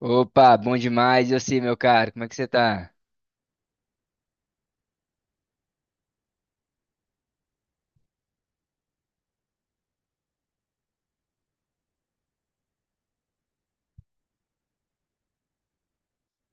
Opa, bom demais. Eu sei, meu caro, como é que você tá?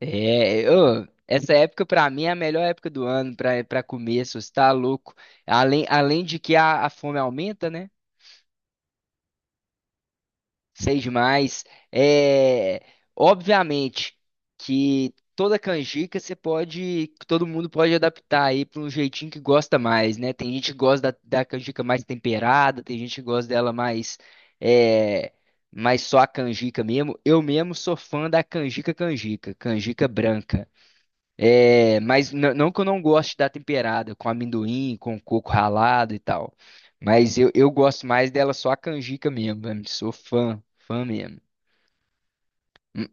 É, ô, essa época pra mim é a melhor época do ano pra para comer, se você tá louco. Além de que a fome aumenta, né? Sei demais. É, obviamente que toda canjica você pode, que todo mundo pode adaptar aí para um jeitinho que gosta mais, né? Tem gente que gosta da canjica mais temperada, tem gente que gosta dela mais, é, mais só a canjica mesmo. Eu mesmo sou fã da canjica, canjica branca. É, mas não que eu não goste da temperada, com amendoim, com coco ralado e tal. Mas eu gosto mais dela só a canjica mesmo, velho. Sou fã mesmo. M-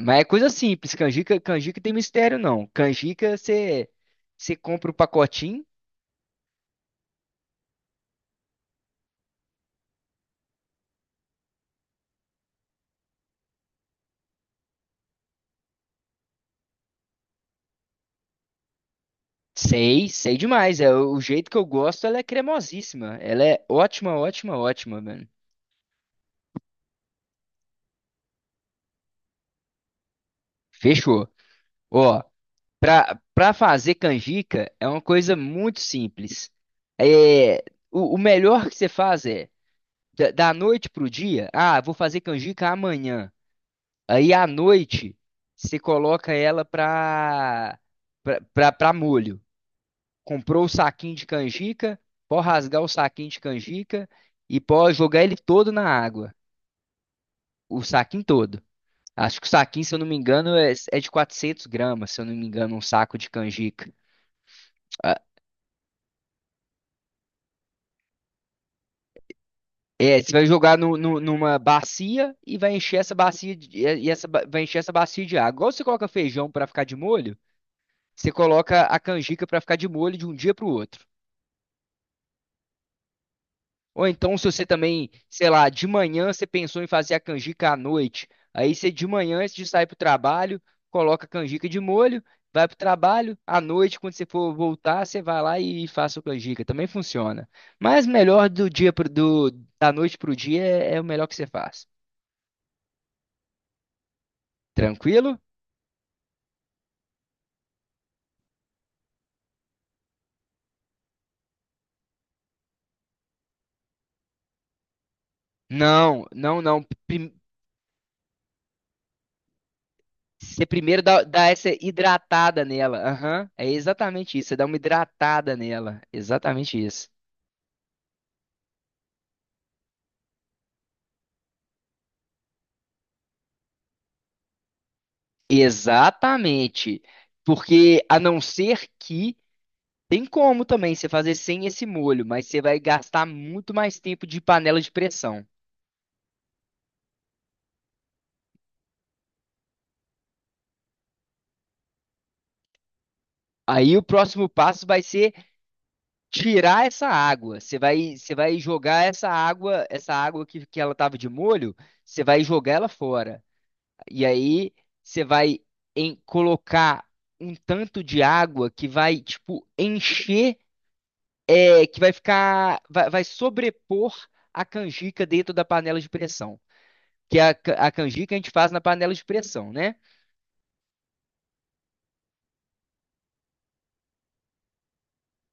Mas é coisa simples, canjica, canjica tem mistério não. Canjica você compra o pacotinho, sei demais. É o jeito que eu gosto, ela é cremosíssima. Ela é ótima, ótima, mano. Fechou. Ó, Para fazer canjica é uma coisa muito simples. É, o melhor que você faz é da noite pro dia. Ah, vou fazer canjica amanhã. Aí à noite você coloca ela pra para para molho. Comprou o saquinho de canjica, pode rasgar o saquinho de canjica e pode jogar ele todo na água, o saquinho todo. Acho que o saquinho, se eu não me engano, é de 400 gramas, se eu não me engano, um saco de canjica. É, você vai jogar numa bacia e vai encher essa bacia de, vai encher essa bacia de água. Igual você coloca feijão para ficar de molho, você coloca a canjica para ficar de molho de um dia para o outro. Ou então, se você também, sei lá, de manhã você pensou em fazer a canjica à noite, aí você de manhã, antes de sair para o trabalho, coloca a canjica de molho, vai para o trabalho, à noite, quando você for voltar, você vai lá e faz a sua canjica. Também funciona. Mas melhor do da noite para o dia é o melhor que você faz. Tranquilo? Não, não, não. Prim- Você primeiro dá essa hidratada nela. Aham, é exatamente isso. Você dá uma hidratada nela. Exatamente isso. Exatamente. Porque a não ser que tem como também você fazer sem esse molho, mas você vai gastar muito mais tempo de panela de pressão. Aí o próximo passo vai ser tirar essa água. Você vai jogar essa água que ela estava de molho, você vai jogar ela fora. E aí você vai em colocar um tanto de água que vai, tipo, encher, que vai vai sobrepor a canjica dentro da panela de pressão. Que é a canjica a gente faz na panela de pressão, né?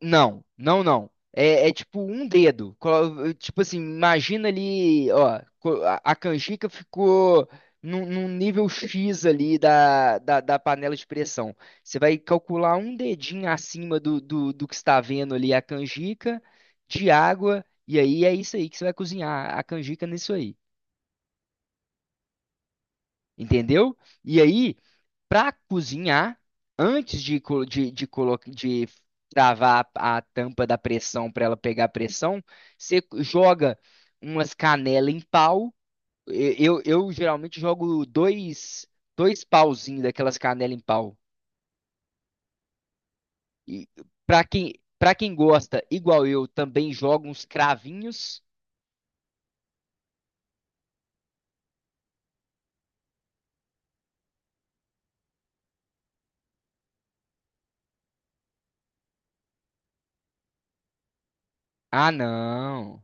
Não, não, não. É, é tipo um dedo. Tipo assim, imagina ali, ó, a canjica ficou num, num nível X ali da panela de pressão. Você vai calcular um dedinho acima do que está vendo ali a canjica de água, e aí é isso aí que você vai cozinhar a canjica nisso aí. Entendeu? E aí, para cozinhar, antes de, co- de, colo- de travar a tampa da pressão para ela pegar pressão, você joga umas canelas em pau. Eu geralmente jogo dois pauzinhos daquelas canelas em pau. E para para quem gosta, igual eu, também jogo uns cravinhos. Ah, não.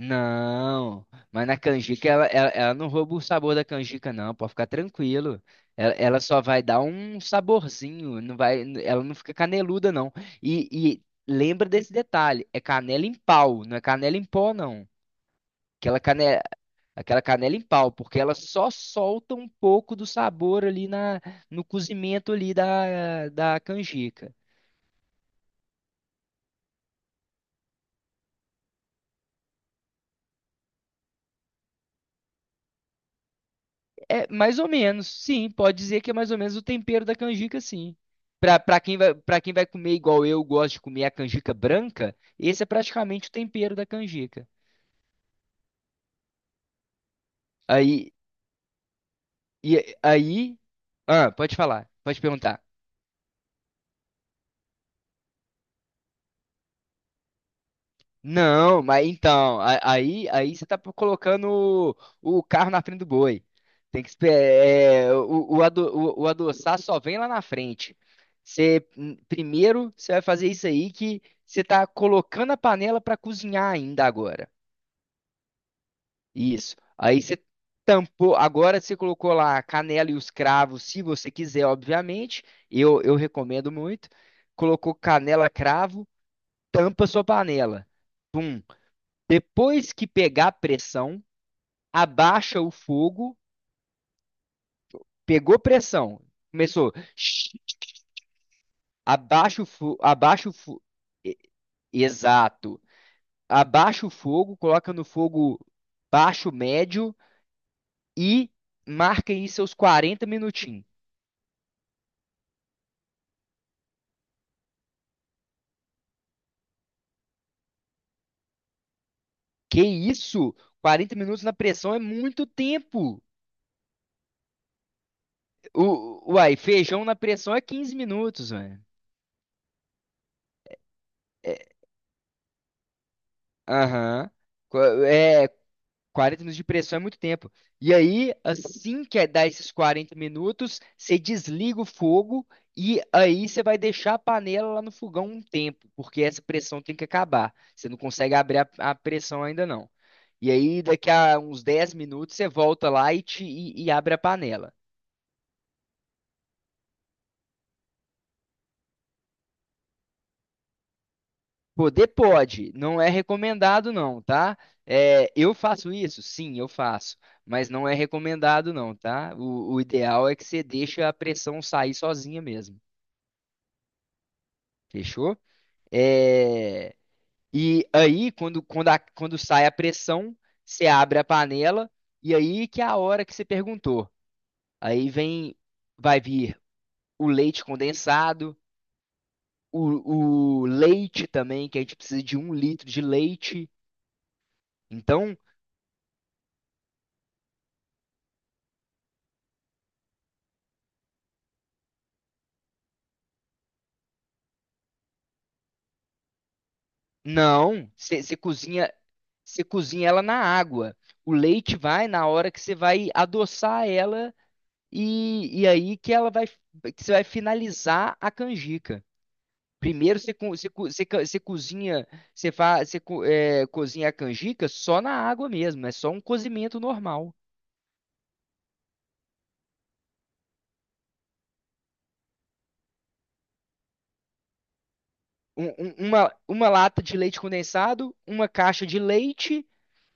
Não, mas na canjica ela não rouba o sabor da canjica, não, pode ficar tranquilo. Ela só vai dar um saborzinho, não vai, ela não fica caneluda, não. E lembra desse detalhe: é canela em pau, não é canela em pó, não. Aquela canela, aquela canela em pau, porque ela só solta um pouco do sabor ali no cozimento ali da canjica. É mais ou menos, sim, pode dizer que é mais ou menos o tempero da canjica, sim. Pra quem vai, pra quem vai comer igual eu gosto de comer a canjica branca, esse é praticamente o tempero da canjica. Aí, e, aí, ah, pode falar, pode perguntar. Não, mas então, aí você tá colocando o carro na frente do boi. Tem que esperar. O adoçar só vem lá na frente. Primeiro, você vai fazer isso aí que você tá colocando a panela para cozinhar ainda agora. Isso. Aí você tampou. Agora você colocou lá a canela e os cravos, se você quiser, obviamente. Eu recomendo muito. Colocou canela, cravo, tampa sua panela. Depois que pegar pressão, abaixa o fogo, pegou pressão. Começou. Shhh, abaixa o fogo. Exato. Abaixa o fogo, coloca no fogo baixo, médio e marca aí seus 40 minutinhos. Que isso? 40 minutos na pressão é muito tempo. O, uai, feijão na pressão é 15 minutos, velho. É, Aham. Co- É, 40 minutos de pressão é muito tempo. E aí, assim que dá esses 40 minutos, você desliga o fogo e aí você vai deixar a panela lá no fogão um tempo, porque essa pressão tem que acabar. Você não consegue abrir a pressão ainda não. E aí, daqui a uns 10 minutos, você volta lá e abre a panela. Poder pode, não é recomendado não, tá? É, eu faço isso? Sim, eu faço. Mas não é recomendado, não, tá? O ideal é que você deixe a pressão sair sozinha mesmo. Fechou? É, e aí, quando sai a pressão, você abre a panela, e aí que é a hora que você perguntou. Aí vem, vai vir o leite condensado, o leite também, que a gente precisa de 1 litro de leite. Então, não, você cozinha, você cozinha ela na água. O leite vai na hora que você vai adoçar ela, e aí que ela vai, que você vai finalizar a canjica. Primeiro você cozinha, você, fa, você co- é, cozinha a canjica só na água mesmo, é só um cozimento normal. Uma lata de leite condensado, uma caixa de leite.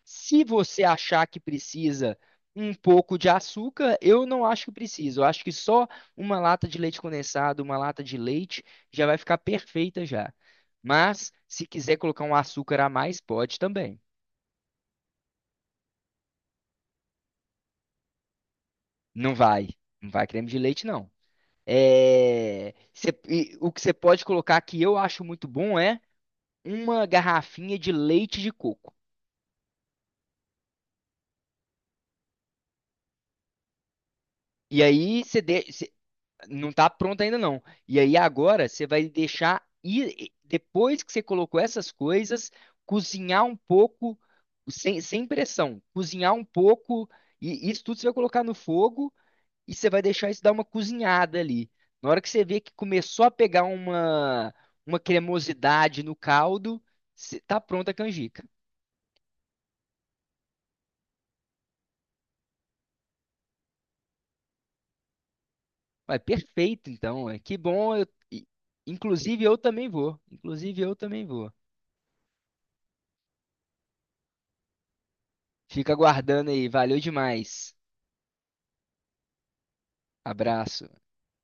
Se você achar que precisa um pouco de açúcar, eu não acho que precisa. Eu acho que só uma lata de leite condensado, uma lata de leite já vai ficar perfeita já. Mas se quiser colocar um açúcar a mais, pode também. Não vai. Não vai creme de leite, não. E o que você pode colocar que eu acho muito bom é uma garrafinha de leite de coco. E aí não tá pronto ainda não. E aí agora você vai deixar e depois que você colocou essas coisas, cozinhar um pouco sem pressão, cozinhar um pouco e isso tudo você vai colocar no fogo e você vai deixar isso dar uma cozinhada ali. Na hora que você vê que começou a pegar uma cremosidade no caldo, tá pronta a canjica. Vai, perfeito então. Ué. Que bom. Inclusive eu também vou. Inclusive eu também vou. Fica aguardando aí. Valeu demais. Abraço.